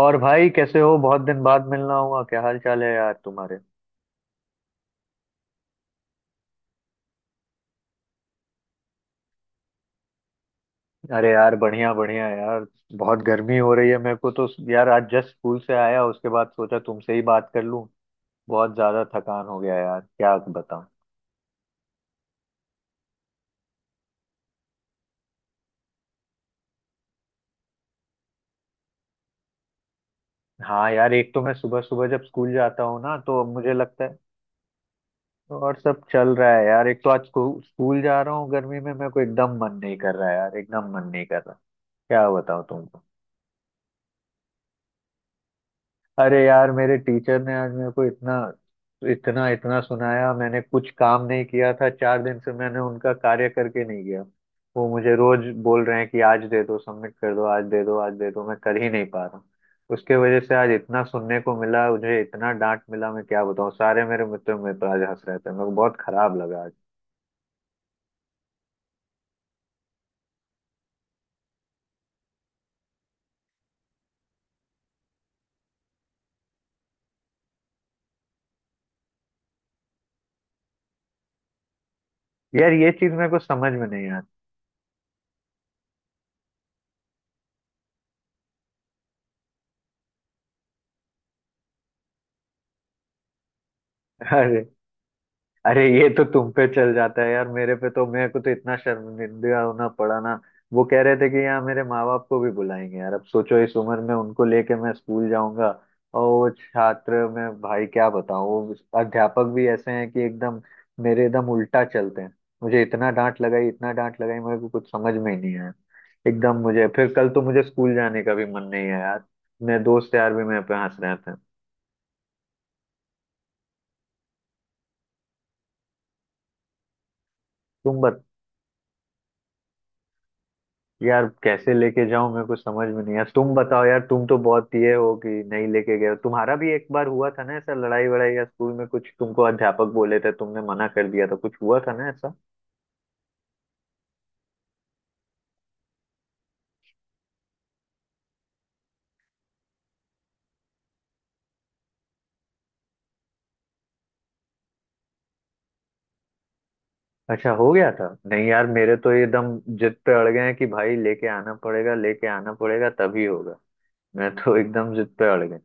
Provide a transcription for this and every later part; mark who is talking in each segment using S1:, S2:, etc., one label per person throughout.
S1: और भाई कैसे हो? बहुत दिन बाद मिलना हुआ। क्या हाल चाल है यार तुम्हारे? अरे यार बढ़िया बढ़िया यार। बहुत गर्मी हो रही है मेरे को तो। यार आज जस्ट स्कूल से आया, उसके बाद सोचा तुमसे ही बात कर लूं। बहुत ज्यादा थकान हो गया यार, क्या बताऊं। हाँ यार, एक तो मैं सुबह सुबह जब स्कूल जाता हूँ ना तो मुझे लगता है। और सब चल रहा है यार। एक तो आज स्कूल जा रहा हूँ, गर्मी में मेरे को एकदम मन नहीं कर रहा है यार, एकदम मन नहीं कर रहा। क्या बताऊँ तुम। अरे यार, मेरे टीचर ने आज मेरे को इतना इतना इतना सुनाया। मैंने कुछ काम नहीं किया था, चार दिन से मैंने उनका कार्य करके नहीं गया। वो मुझे रोज बोल रहे हैं कि आज दे दो, सबमिट कर दो, आज दे दो, आज दे दो। मैं कर ही नहीं पा रहा हूँ। उसके वजह से आज इतना सुनने को मिला, मुझे इतना डांट मिला। मैं क्या बताऊँ, सारे मेरे मित्र मेरे पर आज हंस रहे थे, मेरे को बहुत खराब लगा आज। यार ये चीज मेरे को समझ में नहीं आती। अरे, अरे ये तो तुम पे चल जाता है यार, मेरे पे तो मेरे को तो इतना शर्मिंदा होना पड़ा ना। वो कह रहे थे कि यहाँ मेरे माँ बाप को भी बुलाएंगे। यार अब सोचो, इस उम्र में उनको लेके मैं स्कूल जाऊंगा। और वो छात्र, मैं भाई क्या बताऊँ। वो अध्यापक भी ऐसे हैं कि एकदम मेरे एकदम उल्टा चलते हैं। मुझे इतना डांट लगाई, इतना डांट लगाई, मेरे को कुछ समझ में ही नहीं आया। एकदम मुझे, फिर कल तो मुझे स्कूल जाने का भी मन नहीं है यार। मेरे दोस्त यार भी मेरे पे हंस रहे थे। तुम, यार कैसे लेके जाऊं, मेरे को समझ में नहीं। यार तुम बताओ, यार तुम तो बहुत ये हो कि नहीं लेके गए हो। तुम्हारा भी एक बार हुआ था ना ऐसा, लड़ाई वड़ाई या स्कूल में कुछ, तुमको अध्यापक बोले थे, तुमने मना कर दिया था, कुछ हुआ था ना ऐसा? अच्छा, हो गया था। नहीं यार, मेरे तो ये एकदम जिद पे अड़ गए हैं कि भाई लेके आना पड़ेगा, लेके आना पड़ेगा, तभी होगा। मैं तो एकदम जिद पे अड़ गया।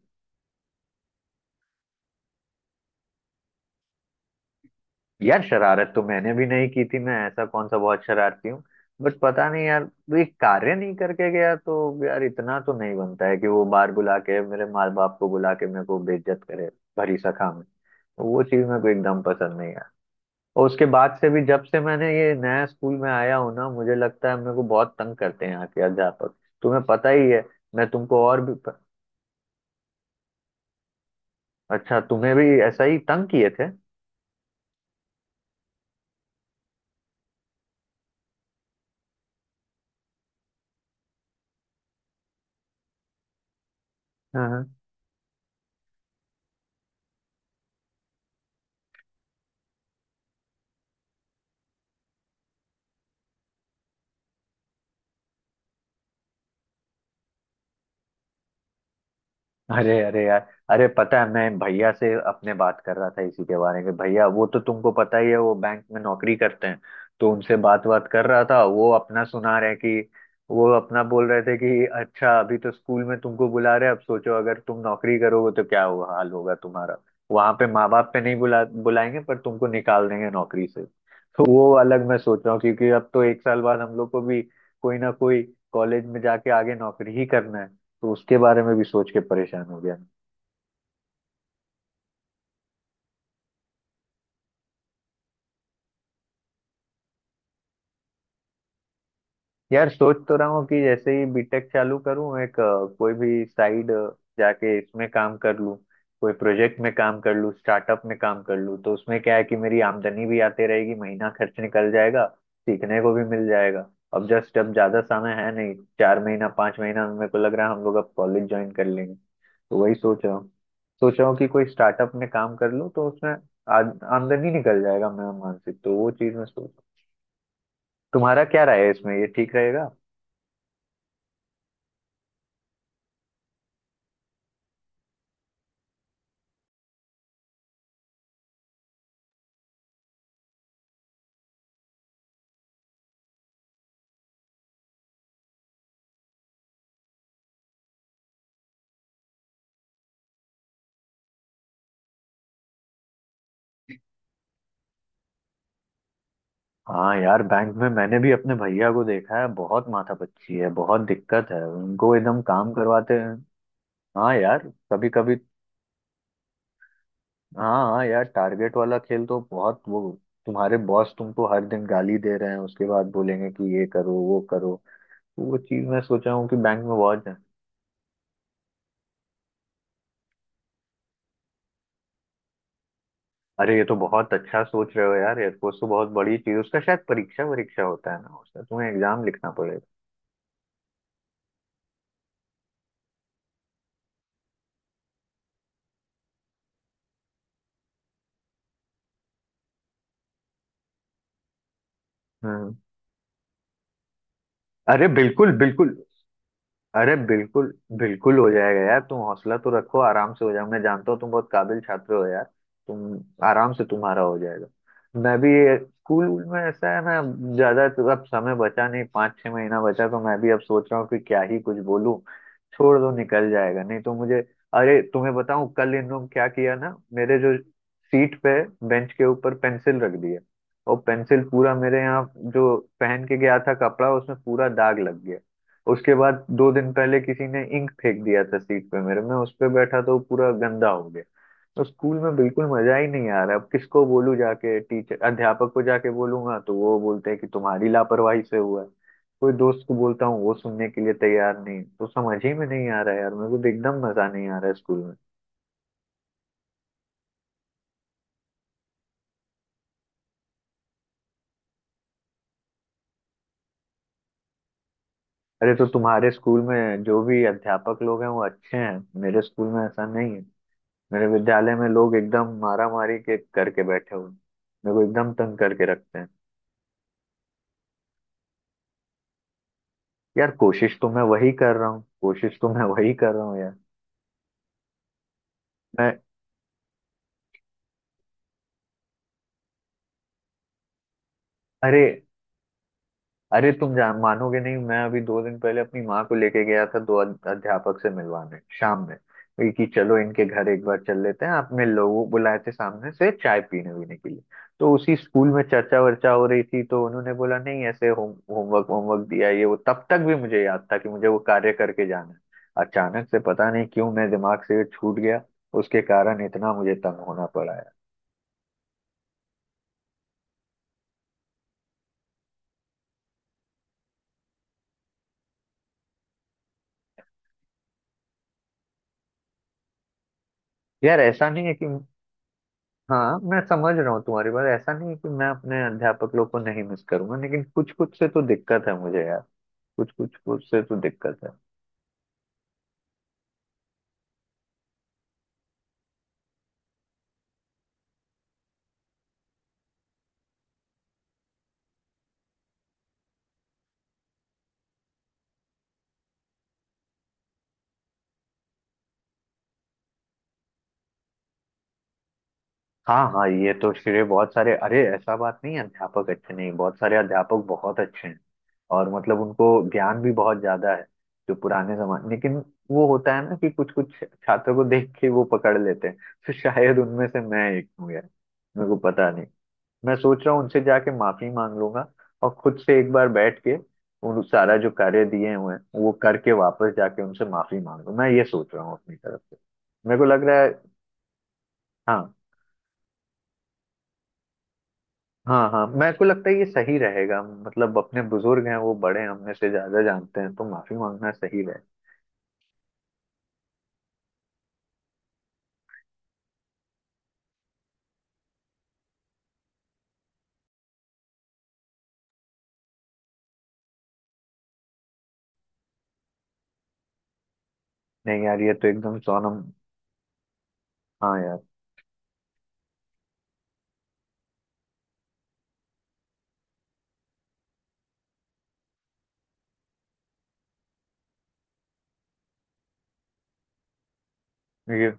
S1: यार शरारत तो मैंने भी नहीं की थी, मैं ऐसा कौन सा बहुत शरारती हूँ। बट पता नहीं यार। वो एक कार्य नहीं करके गया तो यार इतना तो नहीं बनता है कि वो बार बुला के, मेरे माँ बाप को बुला के, मेरे को बेइज्जत करे। भरी सखा में तो वो चीज मेरे को एकदम पसंद नहीं है। और उसके बाद से भी जब से मैंने ये नया स्कूल में आया हूँ ना, मुझे लगता है मेरे को बहुत तंग करते हैं यहाँ के अध्यापक। तुम्हें पता ही है। मैं तुमको और भी। अच्छा, तुम्हें भी ऐसा ही तंग किए थे? हाँ। अरे, अरे यार, अरे पता है, मैं भैया से अपने बात कर रहा था इसी के बारे में। भैया वो तो तुमको पता ही है, वो बैंक में नौकरी करते हैं। तो उनसे बात बात कर रहा था, वो अपना सुना रहे कि, वो अपना बोल रहे थे कि अच्छा अभी तो स्कूल में तुमको बुला रहे हैं, अब सोचो अगर तुम नौकरी करोगे तो क्या हुआ हाल होगा तुम्हारा। वहां पे माँ बाप पे नहीं बुलाएंगे पर तुमको निकाल देंगे नौकरी से, तो वो अलग मैं सोच रहा हूँ। क्योंकि अब तो एक साल बाद हम लोग को भी कोई ना कोई कॉलेज में जाके आगे नौकरी ही करना है। तो उसके बारे में भी सोच के परेशान हो गया। यार सोच तो रहा हूँ कि जैसे ही बीटेक चालू करूँ, एक कोई भी साइड जाके इसमें काम कर लूँ, कोई प्रोजेक्ट में काम कर लूँ, स्टार्टअप में काम कर लूँ। तो उसमें क्या है कि मेरी आमदनी भी आती रहेगी, महीना खर्च निकल जाएगा, सीखने को भी मिल जाएगा। अब जस्ट अब ज्यादा समय है नहीं, चार महीना पांच महीना मेरे को लग रहा है, हम लोग अब कॉलेज ज्वाइन कर लेंगे। तो वही सोच रहा हूँ, सोच रहा हूँ कि कोई स्टार्टअप में काम कर लूँ तो उसमें आ- आमदनी निकल जाएगा। मैं मानसिक तो वो चीज में सोच। तुम्हारा क्या राय है इसमें, ये ठीक रहेगा? हाँ यार बैंक में मैंने भी अपने भैया को देखा है, बहुत माथापच्ची है, बहुत दिक्कत है, उनको एकदम काम करवाते हैं। हाँ यार। कभी कभी, हाँ हाँ यार, टारगेट वाला खेल तो बहुत वो। तुम्हारे बॉस तुमको हर दिन गाली दे रहे हैं, उसके बाद बोलेंगे कि ये करो वो करो। तो वो चीज मैं सोचा हूँ कि बैंक में बहुत है। अरे ये तो बहुत अच्छा सोच रहे हो यार, एयरफोर्स तो बहुत बड़ी चीज। उसका शायद परीक्षा वरीक्षा होता है ना, उसका तुम्हें एग्जाम लिखना पड़ेगा। हम्म। अरे बिल्कुल बिल्कुल, अरे बिल्कुल बिल्कुल हो जाएगा यार, तुम हौसला तो रखो, आराम से हो जाएगा। मैं जानता हूँ तुम बहुत काबिल छात्र हो यार, तुम आराम से तुम्हारा हो जाएगा। मैं भी स्कूल में ऐसा है ना, ज्यादा तो अब समय बचा नहीं, पाँच छह महीना बचा, तो मैं भी अब सोच रहा हूँ कि क्या ही कुछ बोलूं, छोड़ दो निकल जाएगा, नहीं तो मुझे। अरे तुम्हें बताऊं कल इन लोग क्या किया ना, मेरे जो सीट पे, बेंच के ऊपर पेंसिल रख दिया, और पेंसिल पूरा मेरे यहाँ जो पहन के गया था कपड़ा, उसमें पूरा दाग लग गया। उसके बाद दो दिन पहले किसी ने इंक फेंक दिया था सीट पे मेरे, मैं उस पे बैठा तो पूरा गंदा हो गया। तो स्कूल में बिल्कुल मजा ही नहीं आ रहा। अब किसको बोलूं, जाके टीचर अध्यापक को जाके बोलूंगा तो वो बोलते हैं कि तुम्हारी लापरवाही से हुआ है। कोई दोस्त को बोलता हूँ वो सुनने के लिए तैयार नहीं। तो समझ ही में नहीं आ रहा है यार, मेरे को तो एकदम मजा नहीं आ रहा है स्कूल में। अरे तो तुम्हारे स्कूल में जो भी अध्यापक लोग हैं वो अच्छे हैं, मेरे स्कूल में ऐसा नहीं है। मेरे विद्यालय में लोग एकदम मारा मारी के करके बैठे हुए हैं। मेरे को एकदम तंग करके रखते हैं। यार कोशिश तो मैं वही कर रहा हूँ, कोशिश तो मैं वही कर रहा हूँ यार। मैं, अरे अरे तुम जान मानोगे नहीं, मैं अभी दो दिन पहले अपनी माँ को लेके गया था दो अध्यापक से मिलवाने शाम में। वही कि चलो इनके घर एक बार चल लेते हैं, आपने लोगों बुलाए थे सामने से चाय पीने वीने के लिए। तो उसी स्कूल में चर्चा वर्चा हो रही थी, तो उन्होंने बोला नहीं ऐसे होमवर्क होमवर्क दिया ये वो, तब तक भी मुझे याद था कि मुझे वो कार्य करके जाना है। अचानक से पता नहीं क्यों मेरे दिमाग से ये छूट गया। उसके कारण इतना मुझे तंग होना पड़ा है। यार ऐसा नहीं है कि, हाँ मैं समझ रहा हूँ तुम्हारी बात, ऐसा नहीं है कि मैं अपने अध्यापक लोग को नहीं मिस करूंगा, लेकिन कुछ कुछ से तो दिक्कत है मुझे यार, कुछ कुछ कुछ से तो दिक्कत है। हाँ हाँ, ये तो श्रेय बहुत सारे, अरे ऐसा बात नहीं है अध्यापक अच्छे नहीं, बहुत सारे अध्यापक बहुत अच्छे हैं, और मतलब उनको ज्ञान भी बहुत ज्यादा है, जो पुराने जमाने, लेकिन वो होता है ना कि कुछ कुछ छात्रों को देख के वो पकड़ लेते हैं, तो शायद उनमें से मैं एक हूँ यार, मेरे को पता नहीं। मैं सोच रहा हूँ उनसे जाके माफी मांग लूंगा, और खुद से एक बार बैठ के उन सारा जो कार्य दिए हुए हैं वो करके वापस जाके उनसे माफी मांग लूं, मैं ये सोच रहा हूँ अपनी तरफ से, मेरे को लग रहा है। हाँ, हाँ हाँ, मेरे को लगता है ये सही रहेगा। मतलब अपने बुजुर्ग हैं, वो बड़े हैं, हमने से ज्यादा जानते हैं, तो माफी मांगना सही रहे। नहीं यार ये तो एकदम सोनम। हाँ यार, ये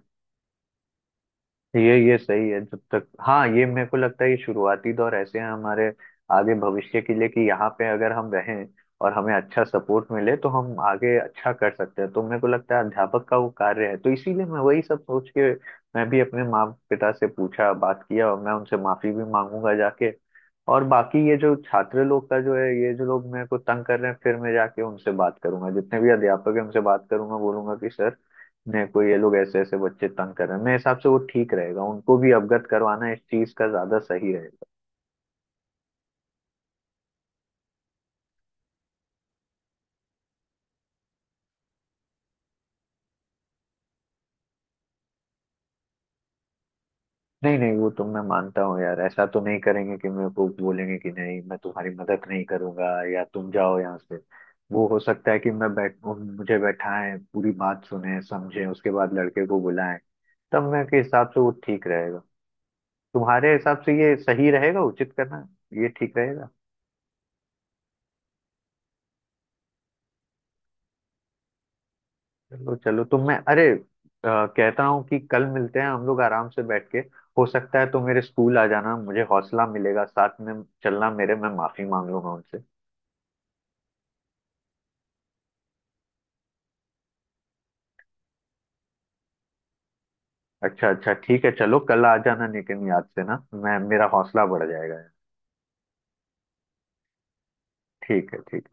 S1: ये ये सही है। जब तक, हाँ ये मेरे को लगता है, ये शुरुआती दौर ऐसे हैं हमारे आगे भविष्य के लिए, कि यहाँ पे अगर हम रहें और हमें अच्छा सपोर्ट मिले तो हम आगे अच्छा कर सकते हैं। तो मेरे को लगता है अध्यापक का वो कार्य है, तो इसीलिए मैं वही सब सोच के, मैं भी अपने माँ पिता से पूछा बात किया, और मैं उनसे माफी भी मांगूंगा जाके। और बाकी ये जो छात्र लोग का जो है, ये जो लोग मेरे को तंग कर रहे हैं, फिर मैं जाके उनसे बात करूंगा, जितने भी अध्यापक है उनसे बात करूंगा, बोलूंगा कि सर नहीं कोई, ये लोग ऐसे ऐसे बच्चे तंग कर रहे हैं। मेरे हिसाब से वो ठीक रहेगा, उनको भी अवगत करवाना इस चीज का ज्यादा सही रहेगा। नहीं नहीं, वो तो मैं मानता हूँ यार, ऐसा तो नहीं करेंगे कि मेरे को बोलेंगे कि नहीं मैं तुम्हारी मदद नहीं करूंगा या तुम जाओ यहाँ से। वो हो सकता है कि मैं बैठ मुझे बैठाएं, पूरी बात सुने समझे, उसके बाद लड़के को बुलाएं। तब मैं के हिसाब से वो ठीक रहेगा। तुम्हारे हिसाब से ये सही रहेगा उचित करना, ये ठीक रहेगा? चलो चलो, तो मैं, कहता हूँ कि कल मिलते हैं, हम लोग आराम से बैठ के। हो सकता है तो मेरे स्कूल आ जाना, मुझे हौसला मिलेगा साथ में चलना मेरे, मैं माफी मांग लूंगा उनसे। अच्छा अच्छा ठीक है, चलो कल आ जाना लेकिन याद से ना, मैं मेरा हौसला बढ़ जाएगा। ठीक है, ठीक।